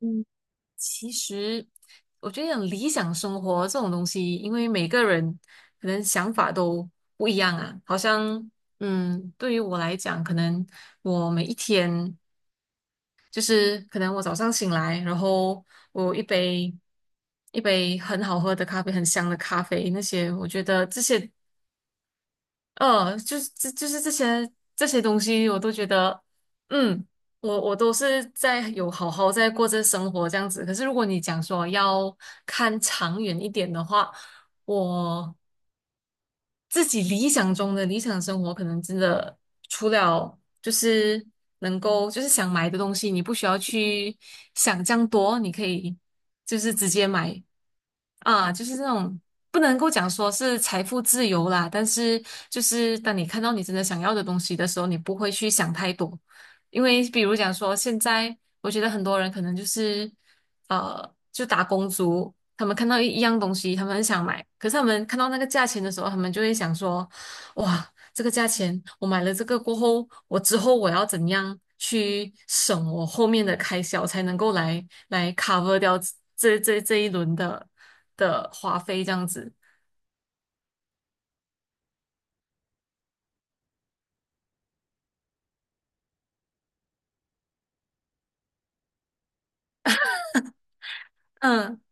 嗯，其实我觉得讲理想生活这种东西，因为每个人可能想法都不一样啊。好像，对于我来讲，可能我每一天可能我早上醒来，然后我有一杯很好喝的咖啡，很香的咖啡，那些我觉得这这些东西，我都觉得，嗯，我都是在有好好在过这生活这样子。可是如果你讲说要看长远一点的话，我自己理想中的理想生活，可能真的除了就是能够就是想买的东西，你不需要去想这样多，你可以就是直接买，啊，就是这种不能够讲说是财富自由啦，但是就是当你看到你真的想要的东西的时候，你不会去想太多，因为比如讲说现在，我觉得很多人可能就打工族，他们看到一样东西，他们很想买，可是他们看到那个价钱的时候，他们就会想说，哇。这个价钱，我买了这个过后，我之后我要怎样去省我后面的开销，才能够来 cover 掉这一轮的花费，这样子。嗯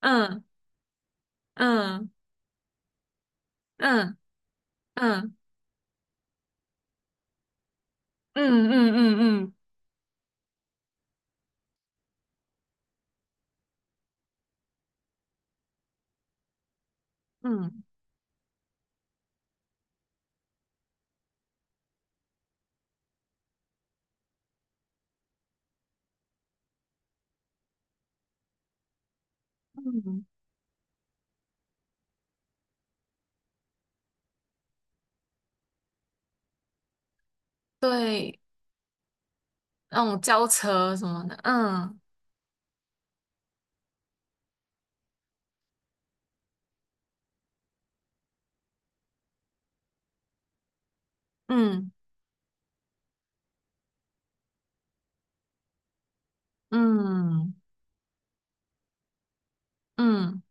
嗯嗯嗯嗯嗯嗯嗯嗯嗯嗯，对，那种轿车什么的，嗯嗯嗯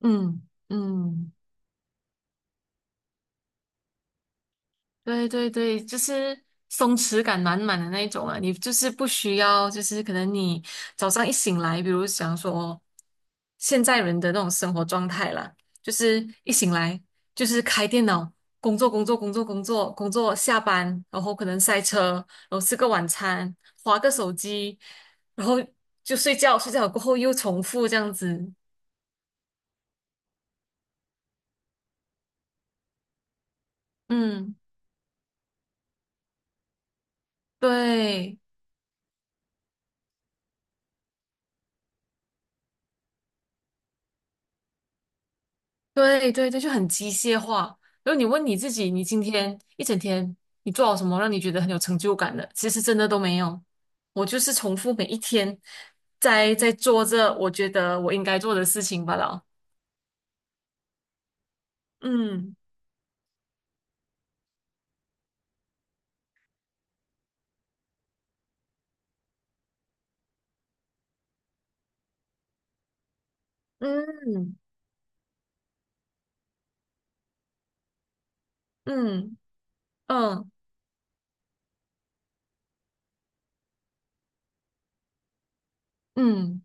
嗯嗯。嗯对对对，就是松弛感满满的那一种啊，你就是不需要，就是可能你早上一醒来，比如想说现在人的那种生活状态啦，就是一醒来就是开电脑工作，下班然后可能塞车，然后吃个晚餐，划个手机，然后就睡觉，睡觉过后又重复这样子，嗯，对。对对对，就很机械化。然后你问你自己，你今天一整天你做了什么让你觉得很有成就感的？其实真的都没有。我就是重复每一天在做着我觉得我应该做的事情罢了。嗯嗯嗯嗯嗯。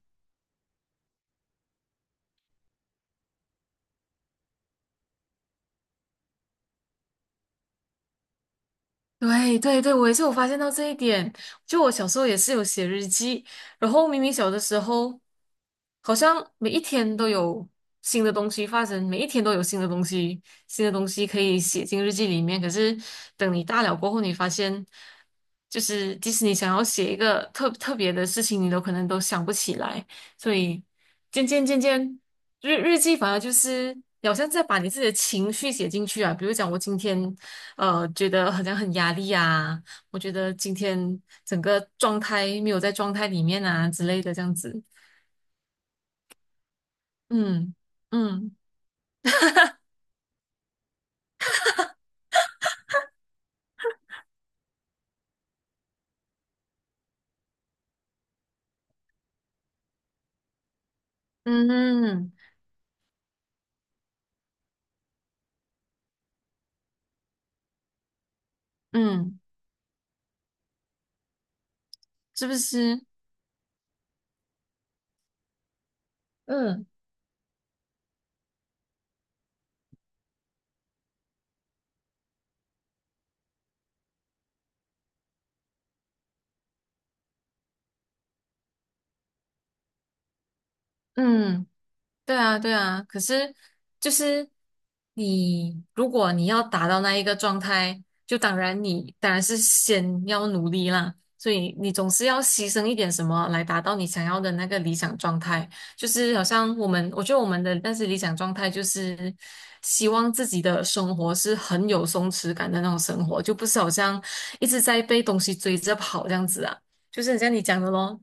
对对对，我也是有发现到这一点。就我小时候也是有写日记，然后明明小的时候，好像每一天都有新的东西发生，每一天都有新的东西，新的东西可以写进日记里面。可是等你大了过后，你发现，就是即使你想要写一个特别的事情，你都可能都想不起来。所以渐渐，日记反而就是好像在把你自己的情绪写进去啊。比如讲，我今天。觉得好像很压力啊，我觉得今天整个状态没有在状态里面啊之类的这样子，嗯嗯嗯嗯，是不是？嗯嗯。对啊，对啊，可是就是你，如果你要达到那一个状态，就当然你当然是先要努力啦，所以你总是要牺牲一点什么来达到你想要的那个理想状态。就是好像我们，我觉得我们的但是理想状态就是希望自己的生活是很有松弛感的那种生活，就不是好像一直在被东西追着跑这样子啊。就是很像你讲的咯，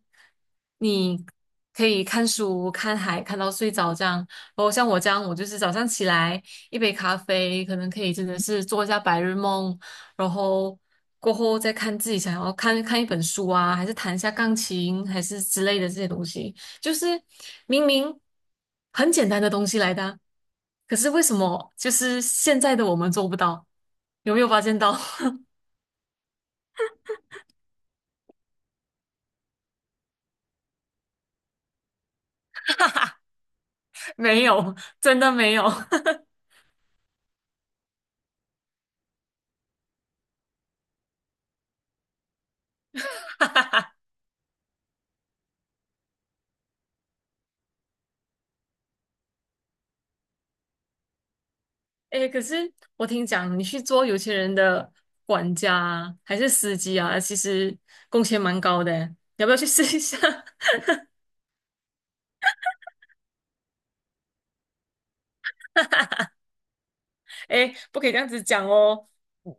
你可以看书、看海，看到睡着这样。然后像我这样，我就是早上起来一杯咖啡，可能可以真的是做一下白日梦，然后过后再看自己想要看一本书啊，还是弹一下钢琴，还是之类的这些东西。就是明明很简单的东西来的啊可是为什么就是现在的我们做不到？有没有发现到？没有，真的没有。哎，可是我听讲，你去做有钱人的管家啊还是司机啊，其实工钱蛮高的，你要不要去试一下？哎，不可以这样子讲哦，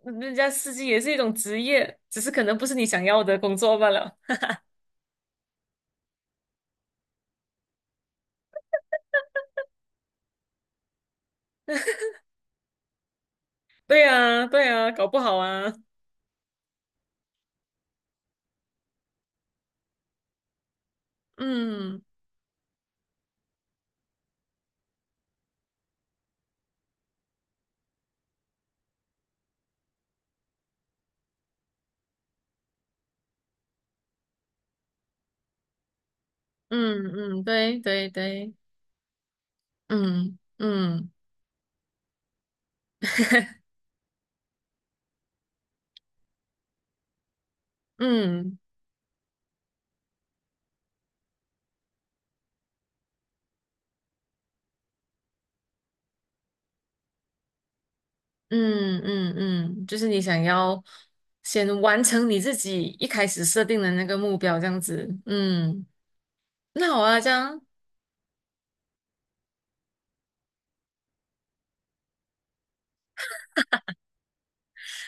嗯人家司机也是一种职业，只是可能不是你想要的工作罢了。对啊，对呀，搞不好啊。嗯嗯对对对，嗯嗯 嗯。嗯，就是你想要先完成你自己一开始设定的那个目标，这样子。嗯，那好啊，这样，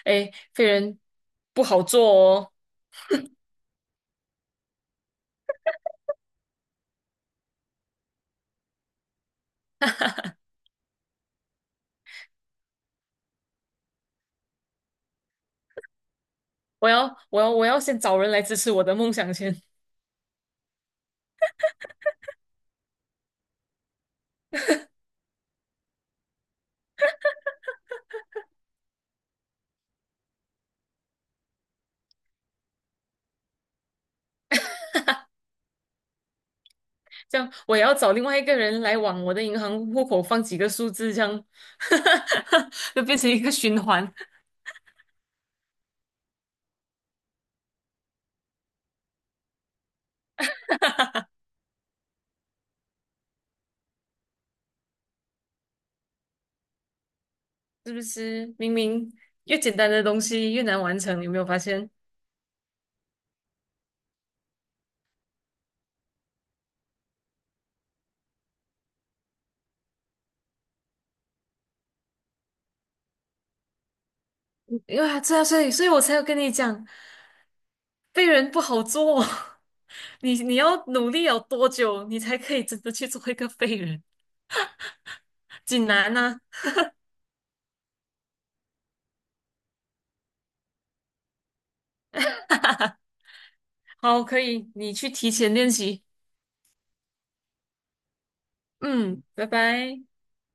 哎，飞人不好做哦，我要先找人来支持我的梦想先，这样我也要找另外一个人来往我的银行户口放几个数字，这样，就变成一个循环，是不是？明明越简单的东西越难完成，有没有发现？因为啊，对啊，所以我才有跟你讲，被人不好做哦。你你要努力有多久，你才可以真的去做一个废人？锦南呢？好，可以，你去提前练习。嗯，拜拜。